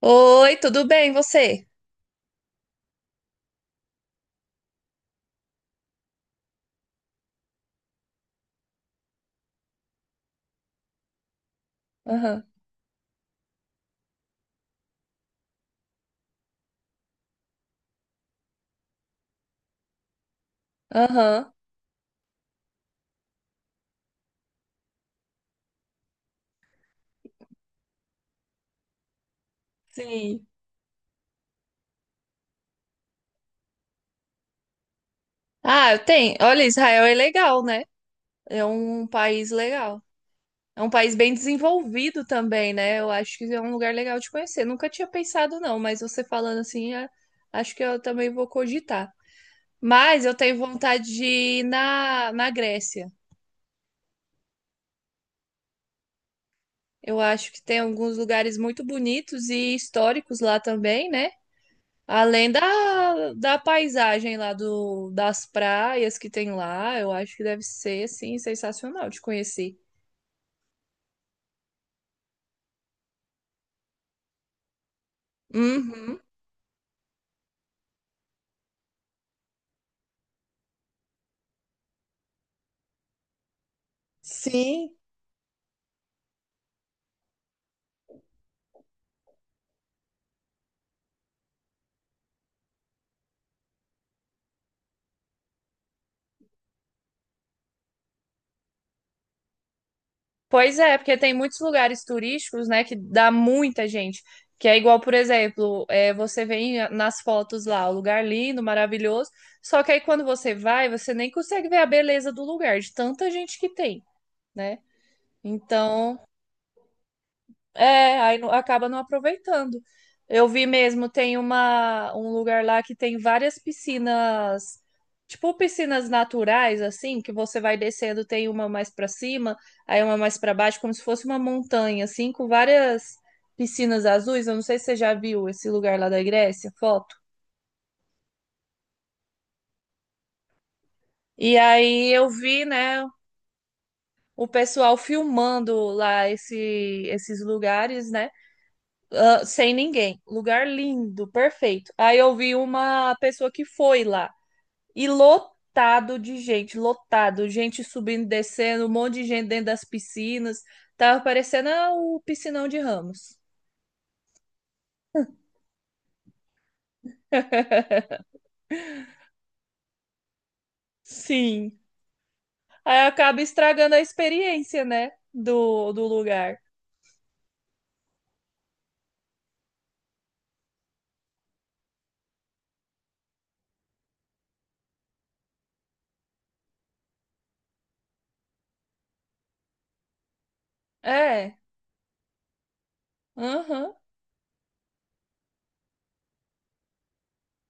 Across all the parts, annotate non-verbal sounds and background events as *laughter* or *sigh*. Oi, tudo bem, você? Aham, aham. Sim. Ah, eu tenho. Olha, Israel é legal, né? É um país legal. É um país bem desenvolvido também, né? Eu acho que é um lugar legal de conhecer. Nunca tinha pensado, não, mas você falando assim, é- acho que eu também vou cogitar. Mas eu tenho vontade de ir na Grécia. Eu acho que tem alguns lugares muito bonitos e históricos lá também, né? Além da, da paisagem lá do, das praias que tem lá, eu acho que deve ser, assim, sensacional de conhecer. Uhum. Sim. Pois é, porque tem muitos lugares turísticos, né, que dá muita gente. Que é igual, por exemplo, é, você vê em- nas fotos lá, o lugar lindo, maravilhoso. Só que aí quando você vai, você nem consegue ver a beleza do lugar, de tanta gente que tem, né? Então. É, aí não- acaba não aproveitando. Eu vi mesmo, tem uma, um lugar lá que tem várias piscinas, tipo piscinas naturais, assim, que você vai descendo, tem uma mais pra cima, aí uma mais pra baixo, como se fosse uma montanha, assim, com várias piscinas azuis. Eu não sei se você já viu esse lugar lá da Grécia, foto. E aí eu vi, né, o pessoal filmando lá esse, esses lugares, né? Ah, sem ninguém. Lugar lindo, perfeito. Aí eu vi uma pessoa que foi lá e lotado de gente, lotado, gente subindo, e descendo, um monte de gente dentro das piscinas. Tava parecendo, ah, o piscinão de Ramos. *laughs* Sim. Aí acaba estragando a experiência, né? Do, do lugar. É. Aham.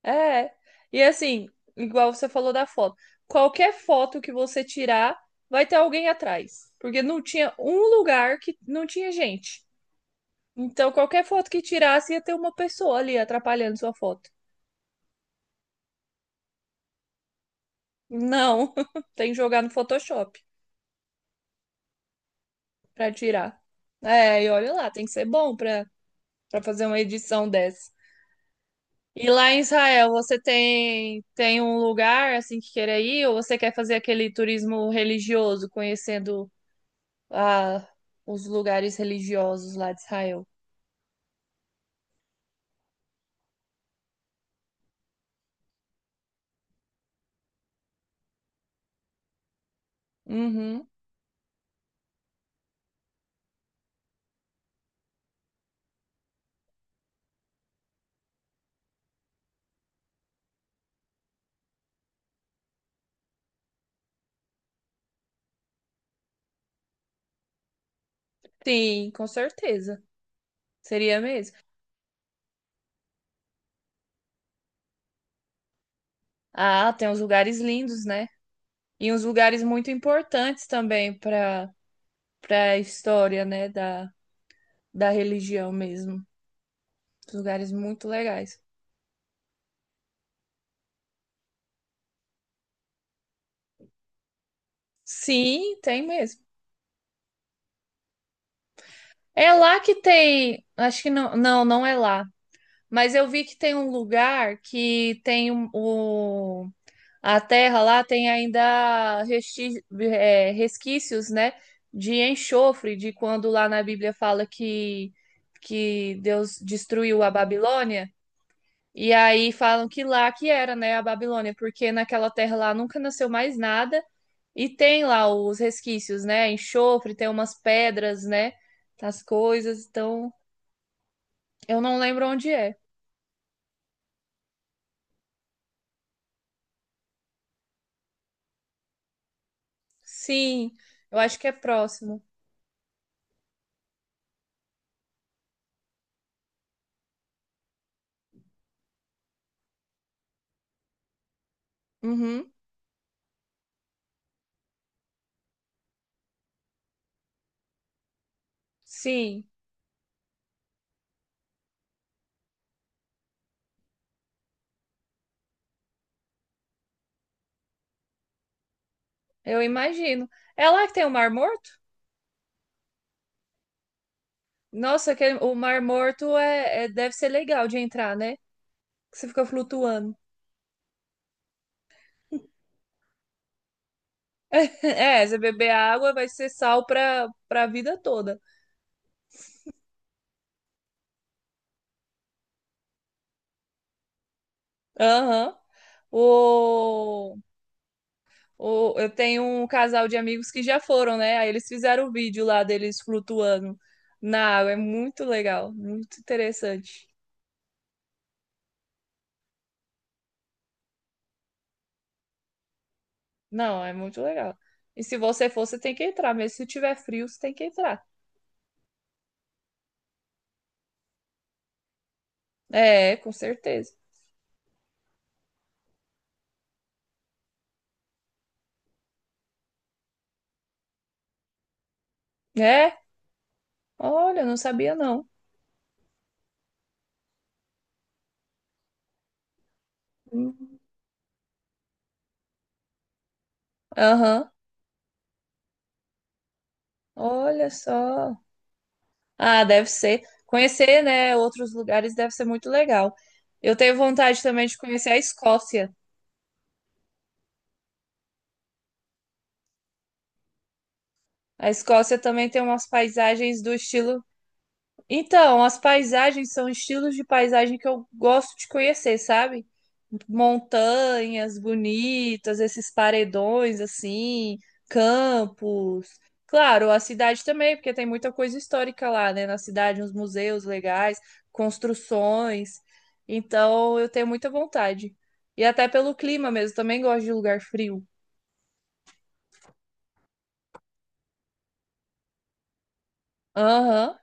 É. E assim, igual você falou da foto. Qualquer foto que você tirar, vai ter alguém atrás. Porque não tinha um lugar que não tinha gente. Então, qualquer foto que tirasse, ia ter uma pessoa ali atrapalhando sua foto. Não, *laughs* tem que jogar no Photoshop pra tirar. É, e olha lá, tem que ser bom pra, pra fazer uma edição dessa. E lá em Israel, você tem, tem um lugar assim que queira ir, ou você quer fazer aquele turismo religioso, conhecendo a, os lugares religiosos lá de Israel. Uhum. Sim, com certeza. Seria mesmo. Ah, tem uns lugares lindos, né? E uns lugares muito importantes também para para a história, né, da, da religião mesmo. Uns lugares muito legais. Sim, tem mesmo. É lá que tem, acho que não, não, não é lá. Mas eu vi que tem um lugar que tem um- o a terra lá tem ainda resti- resquícios, né, de enxofre, de quando lá na Bíblia fala que Deus destruiu a Babilônia, e aí falam que lá que era, né, a Babilônia, porque naquela terra lá nunca nasceu mais nada, e tem lá os resquícios, né, enxofre, tem umas pedras, né, as coisas, então eu não lembro onde é. Sim, eu acho que é próximo. Uhum, sim, eu imagino. É lá que tem o Mar Morto? Nossa, que é, o Mar Morto é, é- deve ser legal de entrar, né? Que você fica flutuando. *laughs* É, você beber água vai ser sal pra, pra vida toda. Aham. O, o, eu tenho um casal de amigos que já foram, né? Aí eles fizeram o vídeo lá deles flutuando na água. É muito legal, muito interessante. Não, é muito legal. E se você for, você tem que entrar. Mesmo se tiver frio, você tem que entrar. É, com certeza. É? Olha, eu não sabia não. Hum. Aham. Olha só. Ah, deve ser. Conhecer, né, outros lugares deve ser muito legal. Eu tenho vontade também de conhecer a Escócia. A Escócia também tem umas paisagens do estilo. Então, as paisagens são estilos de paisagem que eu gosto de conhecer, sabe? Montanhas bonitas, esses paredões assim, campos. Claro, a cidade também, porque tem muita coisa histórica lá, né? Na cidade, uns museus legais, construções. Então, eu tenho muita vontade. E até pelo clima mesmo, também gosto de lugar frio. Aham.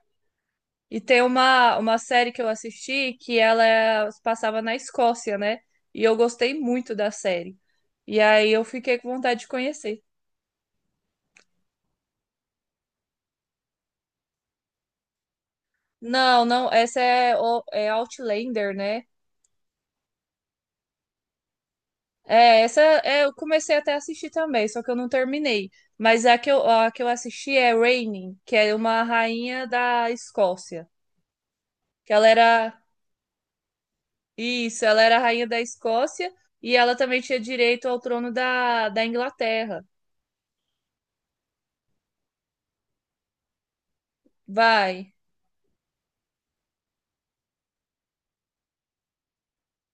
E tem uma série que eu assisti que ela é, passava na Escócia, né? E eu gostei muito da série. E aí eu fiquei com vontade de conhecer. Não, não, essa é, o- é Outlander, né? É, essa é, eu comecei até a assistir também, só que eu não terminei. Mas a que eu assisti é Reigning, que é uma rainha da Escócia. Que ela era. Isso, ela era a rainha da Escócia e ela também tinha direito ao trono da, da Inglaterra. Vai.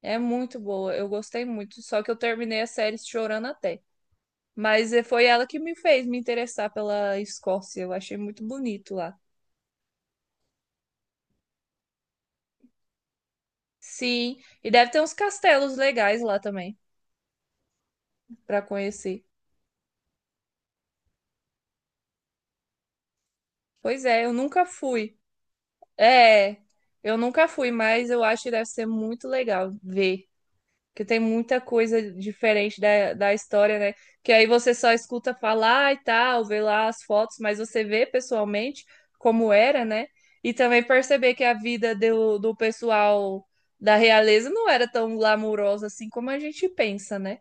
É muito boa, eu gostei muito. Só que eu terminei a série chorando até. Mas foi ela que me fez me interessar pela Escócia. Eu achei muito bonito lá. Sim, e deve ter uns castelos legais lá também para conhecer. Pois é, eu nunca fui. É, eu nunca fui, mas eu acho que deve ser muito legal ver. Que tem muita coisa diferente da, da história, né? Que aí você só escuta falar e tal, vê lá as fotos, mas você vê pessoalmente como era, né? E também perceber que a vida do, do pessoal da realeza não era tão glamourosa assim como a gente pensa, né?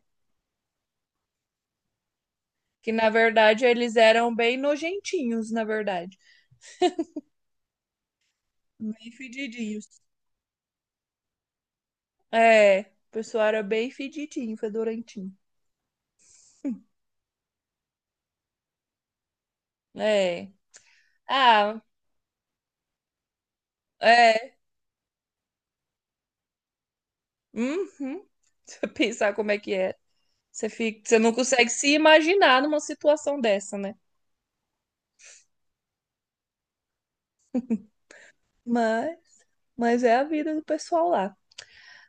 Que na verdade eles eram bem nojentinhos, na verdade. Bem fedidinhos. É, o pessoal era bem fedidinho, fedorentinho. É. Ah, é. Uhum. *laughs* Se eu pensar como é que é. Você fica, você não consegue se imaginar numa situação dessa, né? Mas, mas é a vida do pessoal lá.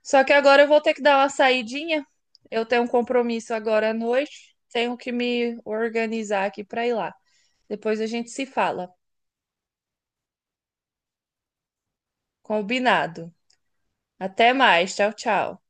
Só que agora eu vou ter que dar uma saidinha. Eu tenho um compromisso agora à noite. Tenho que me organizar aqui para ir lá. Depois a gente se fala. Combinado. Até mais. Tchau, tchau.